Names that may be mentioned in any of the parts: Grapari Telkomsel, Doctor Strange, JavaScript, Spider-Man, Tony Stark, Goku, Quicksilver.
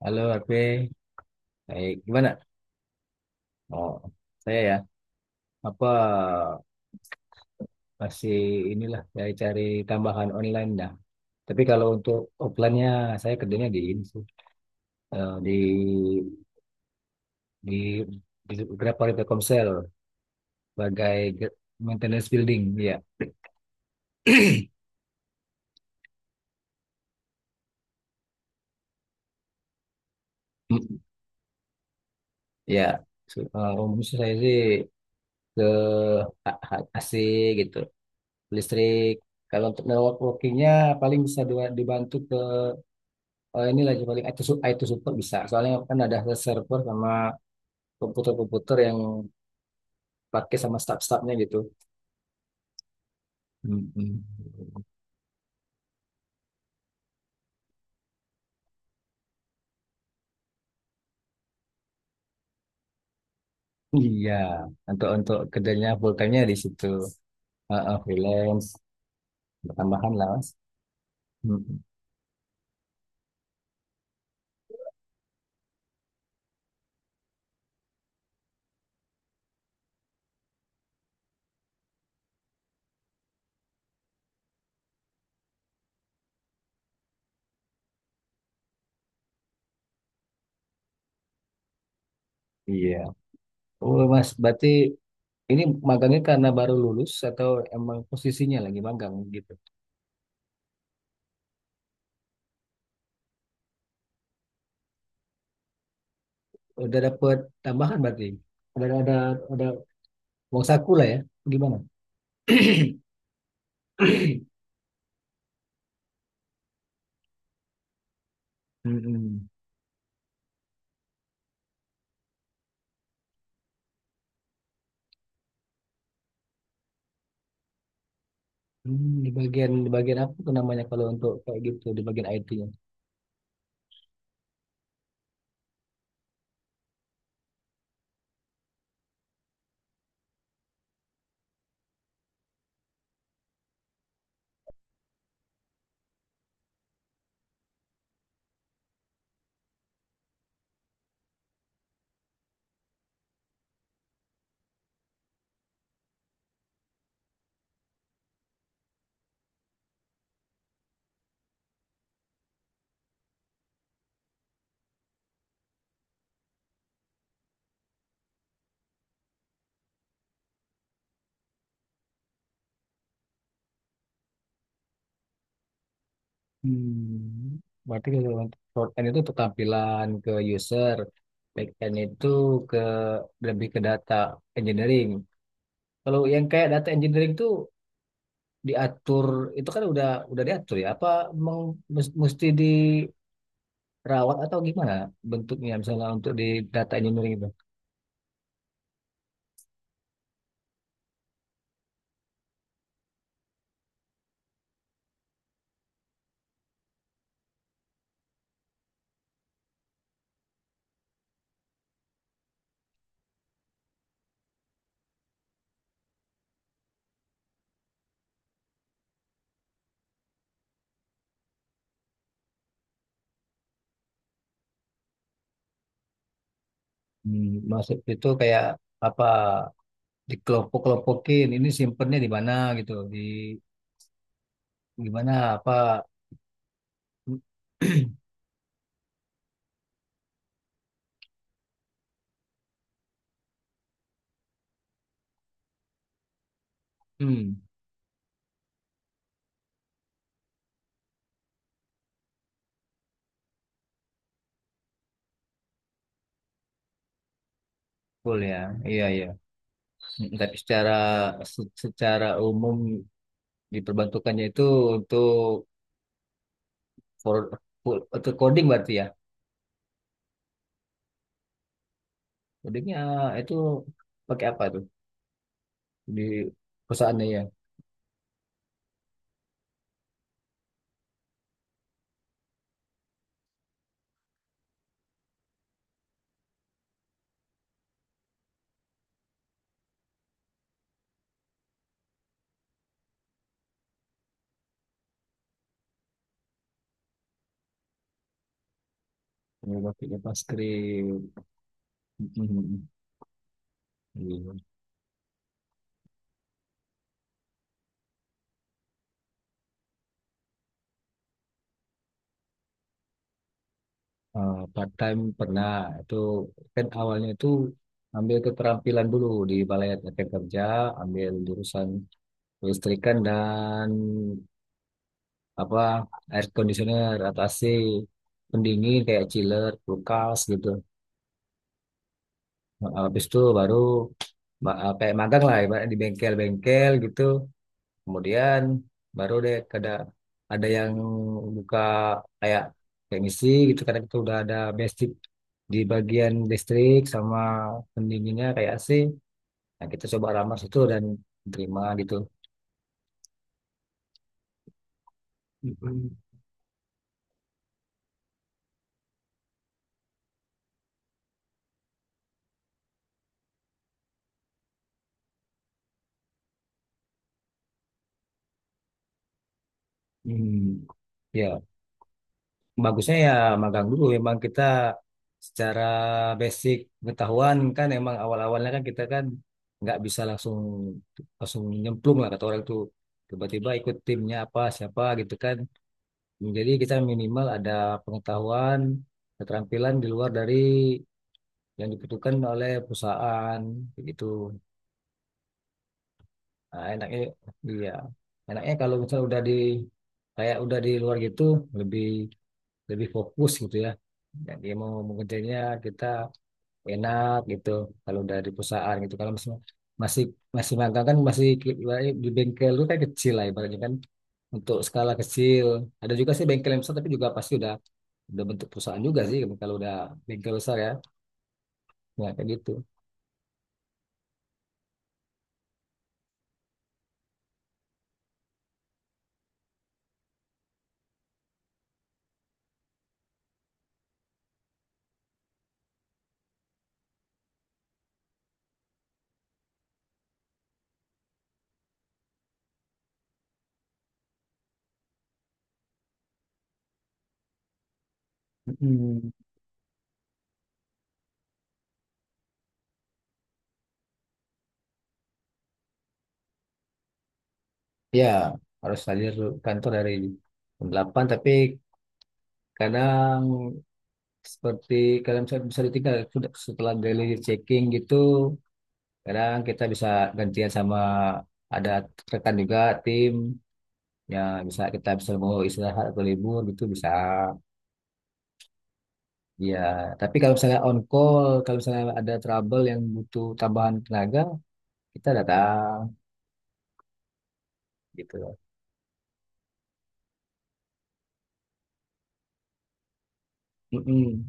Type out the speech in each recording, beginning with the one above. Halo, Ape. Baik, gimana? Oh, saya ya. Apa masih inilah saya cari tambahan online dah. Tapi kalau untuk offline-nya saya kerjanya di ini sih. Eh, di di di Grapari Telkomsel sebagai maintenance building, ya. Mm, Ya, umumnya sih saya sih ke AC gitu, listrik. Kalau untuk networkingnya paling bisa dibantu ke. Oh, ini lagi paling IT, IT support bisa. Soalnya kan ada server sama komputer-komputer yang pakai sama staff-staffnya gitu. Mm-mm. Iya, untuk kerjanya full time-nya di situ. Heeh, freelance, tambahan lah mas. Mm-mm. Iya. Oh mas, berarti ini magangnya karena baru lulus atau emang posisinya lagi magang gitu? Udah dapet tambahan berarti? Ada ada ada uang saku lah ya? Gimana? Mm-mm. Di bagian apa tuh namanya kalau untuk kayak gitu di bagian IT-nya? Hmm, Berarti kalau untuk front end itu untuk tampilan ke user, back end itu ke lebih ke data engineering. Kalau yang kayak data engineering tuh diatur, itu kan udah diatur ya? Apa emang mesti dirawat atau gimana bentuknya, misalnya untuk di data engineering itu? Hmm, Maksud itu kayak apa, dikelompok-kelompokin, ini simpennya di mana gitu, gimana apa hmm, full ya. Iya iya. Tapi secara secara umum diperbantukannya itu untuk for, untuk coding berarti ya. Codingnya itu pakai apa tuh di perusahaannya ya? Oh, pakai JavaScript. Hmm, hmm, hmm. Iya. Part time pernah, itu kan awalnya itu ambil keterampilan dulu di balai latihan kerja, ambil jurusan listrikan dan apa air conditioner atau AC pendingin kayak chiller, kulkas gitu. Nah, habis itu baru kayak magang lah ibaratnya di bengkel-bengkel gitu. Kemudian baru deh kada ada yang buka kayak kayak misi gitu, karena kita udah ada basic di bagian listrik sama pendinginnya kayak AC. Nah, kita coba ramah situ dan terima gitu. Mm-mm. Hmm. Ya. Bagusnya ya magang dulu, memang kita secara basic pengetahuan, kan emang awal-awalnya kan, kita kan nggak bisa langsung langsung nyemplung lah kata orang itu, tiba-tiba ikut timnya apa siapa gitu kan. Jadi kita minimal ada pengetahuan, keterampilan di luar dari yang dibutuhkan oleh perusahaan, kayak gitu. Nah, enaknya, iya, enaknya kalau misalnya udah di, kayak udah di luar gitu, lebih lebih fokus gitu ya. Jadi mau mengejarnya kita enak gitu kalau dari perusahaan. Gitu kalau masih masih masih magang, kan masih ibaratnya di bengkel itu kan kecil lah ibaratnya, kan untuk skala kecil. Ada juga sih bengkel yang besar, tapi juga pasti udah bentuk perusahaan juga sih gitu, kalau udah bengkel besar ya, ya kayak gitu. mm Ya, harus hadir kantor dari jam 8, tapi kadang seperti kalian bisa, ditinggal setelah daily checking gitu. Kadang kita bisa gantian sama ada rekan juga, tim ya, bisa, kita bisa mau istirahat atau libur gitu bisa. Ya, tapi kalau misalnya on call, kalau misalnya ada trouble yang butuh tambahan tenaga, kita datang gitu loh. Mm-mm.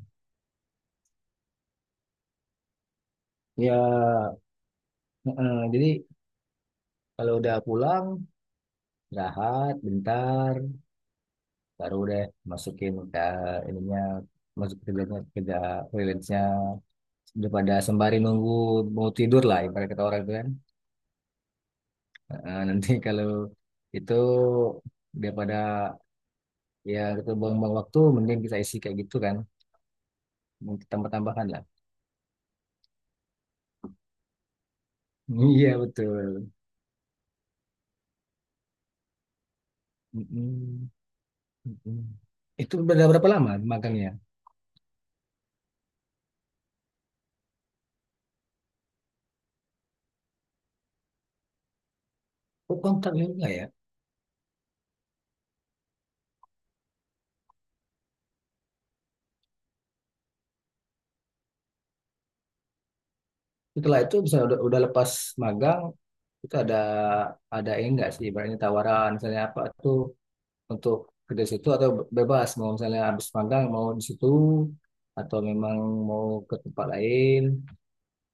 Ya, mm-mm. Jadi kalau udah pulang, istirahat bentar, baru deh masukin ke ininya, masuk kerjanya, kerja freelance-nya, daripada sembari nunggu mau tidur lah ibarat kata orang itu kan. Nah, nanti kalau itu, daripada ya itu buang-buang waktu, mending kita isi kayak gitu kan, mungkin tambah-tambahan lah. Iya betul. Mm-mm. Mm-mm. Itu udah berapa lama magangnya? Oh kontraknya enggak ya? Setelah itu bisa udah, lepas magang, itu ada ini enggak sih? Ibaratnya tawaran, misalnya apa tuh, untuk kerja di situ atau bebas mau, misalnya habis magang mau di situ atau memang mau ke tempat lain,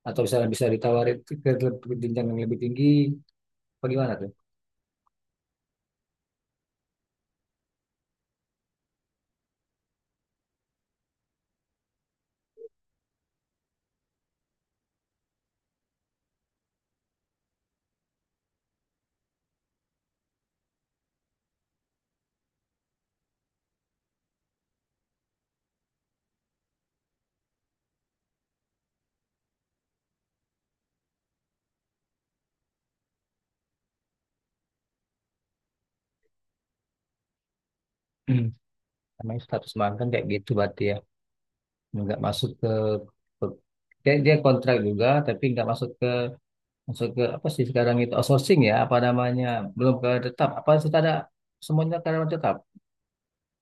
atau misalnya bisa ditawarin ke jenjang yang lebih tinggi, apa gimana tuh. Namanya status magang kayak gitu berarti ya. Nggak masuk ke dia kontrak juga, tapi nggak masuk ke apa sih sekarang itu, outsourcing ya apa namanya, belum ke tetap apa sudah ada semuanya karyawan tetap.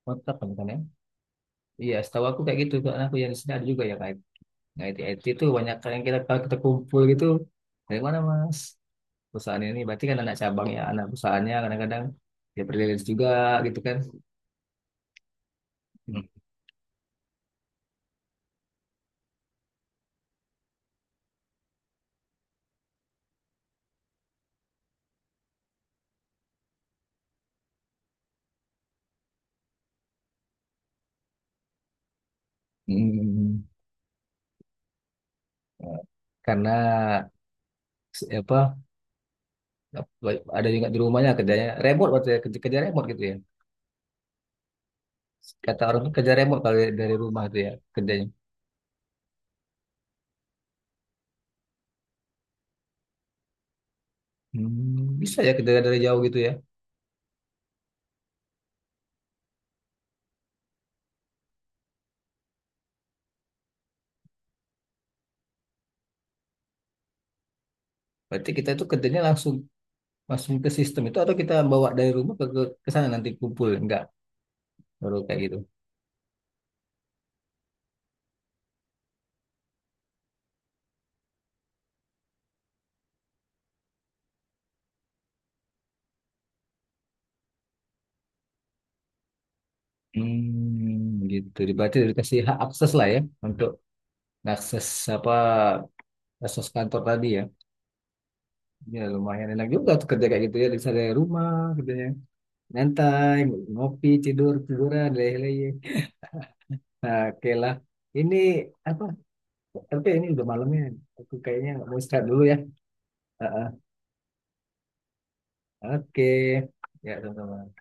Oh, tetap kan bukan ya. Iya, setahu aku kayak gitu kan. Aku yang di sini ada juga yang IT IT, IT itu banyak, yang kita kalau kita kumpul gitu dari mana mas, perusahaan ini berarti kan anak cabangnya, anak perusahaannya kadang-kadang dia freelance juga gitu kan. Hmm, karena apa ada juga di rumahnya kerjanya remote, waktu ya, kerja remote gitu ya, kata orang tuh kerja remote kalau dari rumah tuh, ya kerjanya. Bisa ya kerja dari jauh gitu ya. Berarti kita itu kerjanya langsung langsung ke sistem itu, atau kita bawa dari rumah ke sana nanti kumpul, enggak, baru kayak gitu. Gitu berarti dikasih hak akses lah ya, untuk akses apa, akses kantor tadi ya. Ya lumayan enak juga tuh kerja kayak gitu ya, bisa dari rumah kerjanya. Nyantai, ngopi, tidur, tiduran, leleh-leleh. Nah, oke lah. Ini apa? Tapi ini udah malamnya. Aku kayaknya mau istirahat dulu ya. Ah, ah. Oke. Ya, sama-sama.